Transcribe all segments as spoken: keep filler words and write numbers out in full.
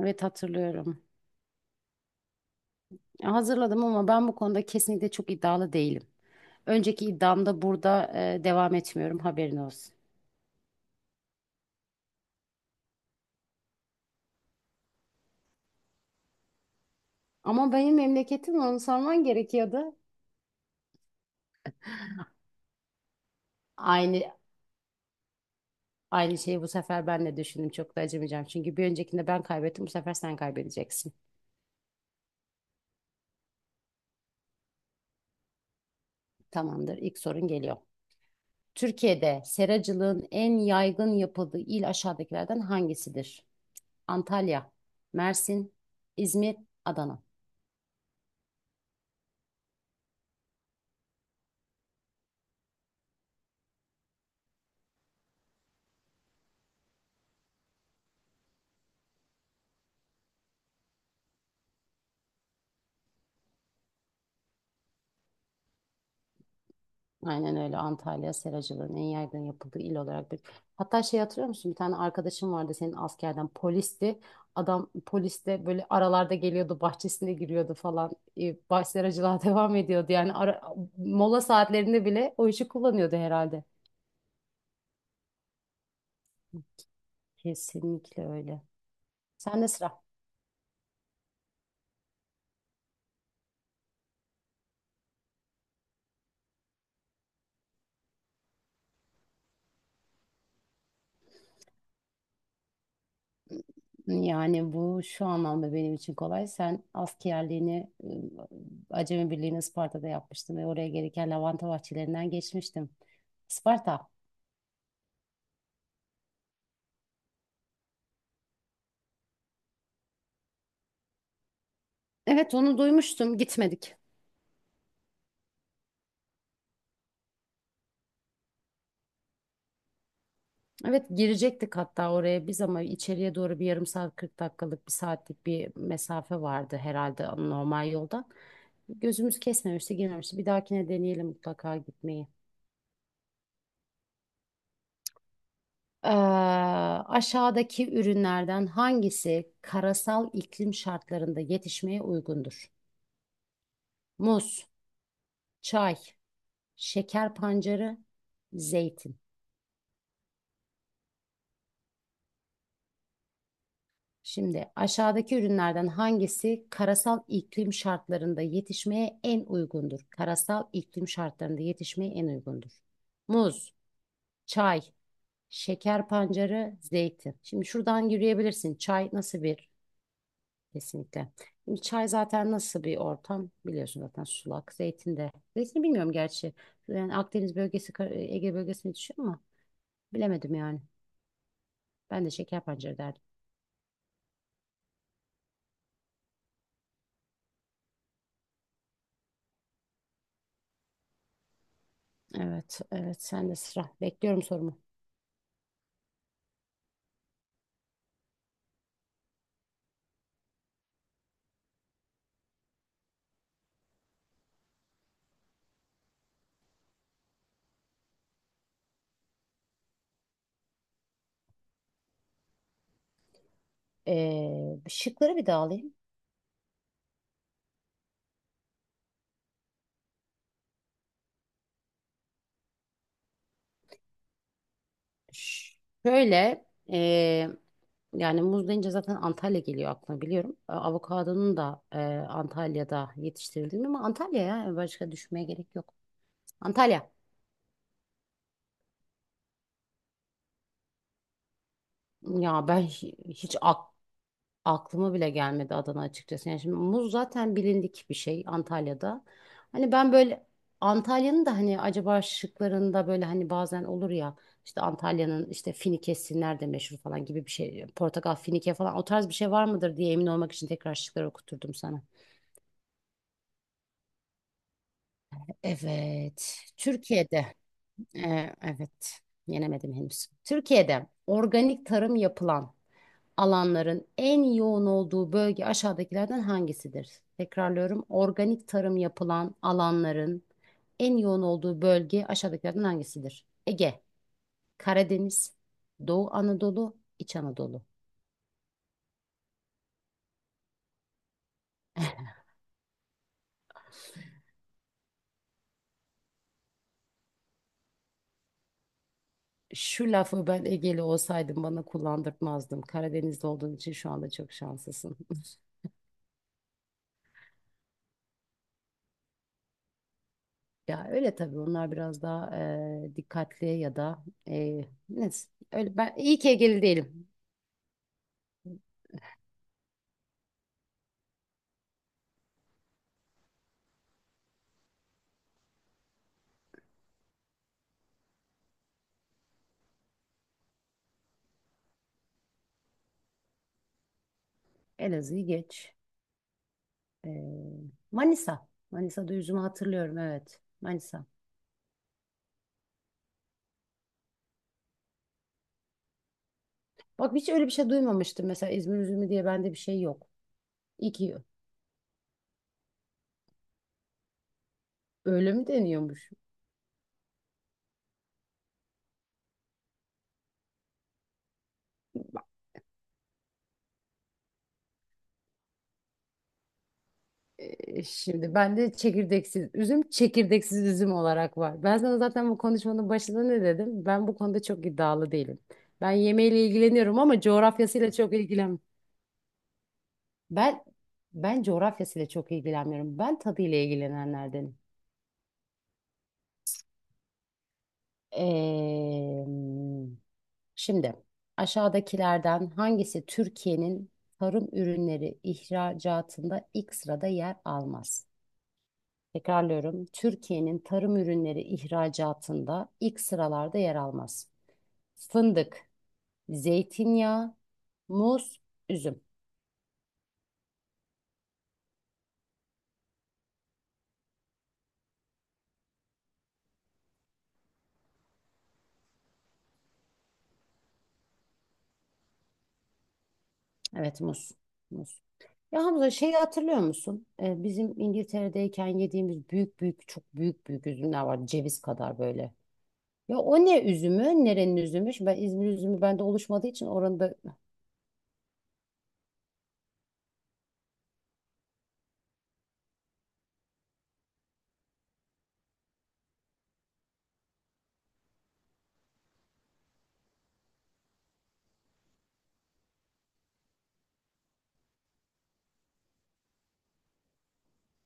Evet, hatırlıyorum. Hazırladım ama ben bu konuda kesinlikle çok iddialı değilim. Önceki iddiamda burada e, devam etmiyorum, haberin olsun. Ama benim memleketim, onu sorman gerekiyordu. Aynı aynı şeyi bu sefer ben de düşündüm. Çok da acımayacağım. Çünkü bir öncekinde ben kaybettim. Bu sefer sen kaybedeceksin. Tamamdır. İlk sorun geliyor. Türkiye'de seracılığın en yaygın yapıldığı il aşağıdakilerden hangisidir? Antalya, Mersin, İzmir, Adana. Aynen öyle, Antalya seracılığın en yaygın yapıldığı il olarak bir. Hatta şey, hatırlıyor musun? Bir tane arkadaşım vardı senin askerden, polisti. Adam poliste böyle aralarda geliyordu, bahçesine giriyordu falan. E, baş seracılığa devam ediyordu. Yani ara, mola saatlerinde bile o işi kullanıyordu herhalde. Kesinlikle öyle. Sen de sıra. Yani bu şu anlamda benim için kolay. Sen askerliğini e, Acemi Birliği'ni Isparta'da yapmıştın ve oraya gereken lavanta bahçelerinden geçmiştim. Isparta. Evet, onu duymuştum. Gitmedik. Evet, girecektik hatta oraya biz ama içeriye doğru bir yarım saat, kırk dakikalık, bir saatlik bir mesafe vardı herhalde normal yoldan. Gözümüz kesmemişti, girmemişti. Bir dahakine deneyelim mutlaka gitmeyi. Ee, aşağıdaki ürünlerden hangisi karasal iklim şartlarında yetişmeye uygundur? Muz, çay, şeker pancarı, zeytin. Şimdi aşağıdaki ürünlerden hangisi karasal iklim şartlarında yetişmeye en uygundur? Karasal iklim şartlarında yetişmeye en uygundur. Muz, çay, şeker pancarı, zeytin. Şimdi şuradan yürüyebilirsin. Çay nasıl bir? Kesinlikle. Şimdi çay zaten nasıl bir ortam? Biliyorsun zaten sulak. Zeytin de. Zeytini bilmiyorum gerçi. Yani Akdeniz bölgesi, Kar- Ege bölgesine düşüyor ama bilemedim yani. Ben de şeker pancarı derdim. Evet, evet, sen de sıra. Bekliyorum sorumu. Ee, şıkları bir daha alayım. Şöyle, ee, yani muz deyince zaten Antalya geliyor aklıma, biliyorum. A- Avokadonun da ee, Antalya'da yetiştirildiğini, ama Antalya ya başka düşmeye gerek yok. Antalya. Ya ben hi- hiç aklıma bile gelmedi Adana açıkçası. Yani şimdi muz zaten bilindik bir şey Antalya'da. Hani ben böyle Antalya'nın da, hani acaba şıklarında böyle, hani bazen olur ya, işte Antalya'nın işte finikesi nerede meşhur falan gibi bir şey. Portakal, finike falan, o tarz bir şey var mıdır diye emin olmak için tekrar şıkları okuturdum sana. Evet. Türkiye'de e, evet, yenemedim henüz. Türkiye'de organik tarım yapılan alanların en yoğun olduğu bölge aşağıdakilerden hangisidir? Tekrarlıyorum. Organik tarım yapılan alanların en yoğun olduğu bölge aşağıdakilerden hangisidir? Ege, Karadeniz, Doğu Anadolu, İç Anadolu. Şu lafı ben Egeli olsaydım bana kullandırtmazdım. Karadeniz'de olduğun için şu anda çok şanslısın. Ya öyle tabii, onlar biraz daha e, dikkatli ya da e, neyse. Öyle, ben iyi ki Egeli değilim. Elazığ'ı geç. Ee, Manisa. Manisa'da üzümü hatırlıyorum, evet. Manisa. Bak, hiç öyle bir şey duymamıştım. Mesela İzmir üzümü diye bende bir şey yok. İyi ki, öyle mi deniyormuş? Ee, şimdi bende çekirdeksiz üzüm, çekirdeksiz üzüm olarak var. Ben sana zaten bu konuşmanın başında ne dedim? Ben bu konuda çok iddialı değilim. Ben yemeğiyle ilgileniyorum ama coğrafyasıyla çok ilgilen. Ben ben coğrafyasıyla çok ilgilenmiyorum. Ben tadıyla ilgilenenlerdenim. Ee, şimdi aşağıdakilerden hangisi Türkiye'nin tarım ürünleri ihracatında ilk sırada yer almaz? Tekrarlıyorum. Türkiye'nin tarım ürünleri ihracatında ilk sıralarda yer almaz. Fındık, zeytinyağı, muz, üzüm. Evet, muz. Muz. Ya Hamza, şeyi hatırlıyor musun? Ee, bizim İngiltere'deyken yediğimiz büyük büyük, çok büyük büyük üzümler var. Ceviz kadar böyle. Ya o ne üzümü? Nerenin üzümü? Şimdi ben İzmir üzümü bende oluşmadığı için orada...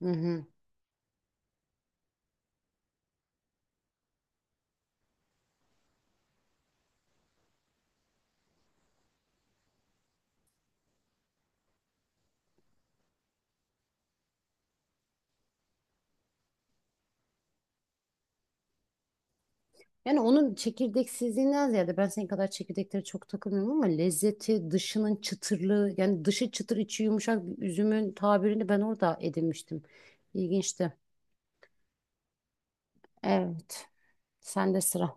Hı hı. Yani onun çekirdeksizliğinden ziyade, ben senin kadar çekirdeklere çok takılmıyorum ama lezzeti, dışının çıtırlığı, yani dışı çıtır içi yumuşak bir üzümün tabirini ben orada edinmiştim. İlginçti. Evet. Sende sıra.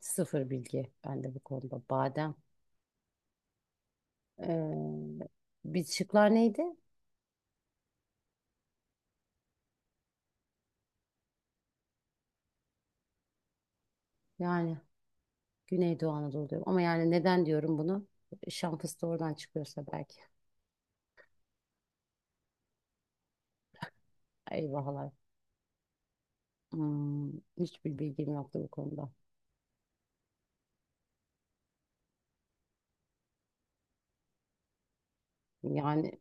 Sıfır bilgi bende bu konuda. Badem. Ee, bir şıklar neydi? Yani Güneydoğu Anadolu diyorum. Ama yani neden diyorum bunu? Şan fıstığı oradan çıkıyorsa belki. Eyvahlar. Hmm, hiçbir bilgim yoktu bu konuda. Yani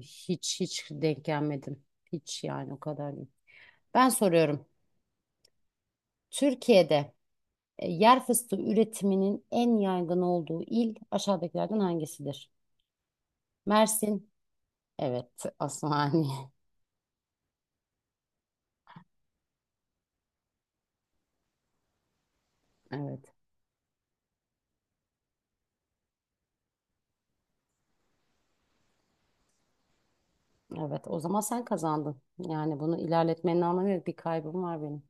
hiç hiç denk gelmedim. Hiç, yani o kadar değil. Ben soruyorum. Türkiye'de e, yer fıstığı üretiminin en yaygın olduğu il aşağıdakilerden hangisidir? Mersin. Evet. Asmani. Evet. Evet. O zaman sen kazandın. Yani bunu ilerletmenin anlamı yok. Bir kaybım var benim.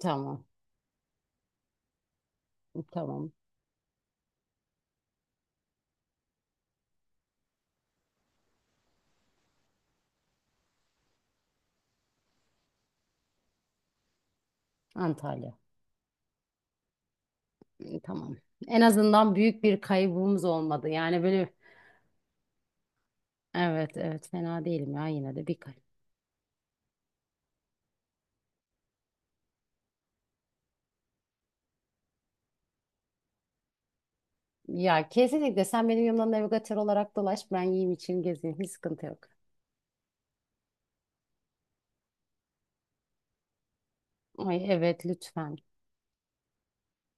Tamam. Tamam. Antalya. Tamam. En azından büyük bir kaybımız olmadı. Yani böyle, evet evet, fena değilim ya, yine de bir kal. Ya kesinlikle, sen benim yanımda navigatör olarak dolaş, ben yiyeyim içeyim gezeyim, hiç sıkıntı yok. Ay evet, lütfen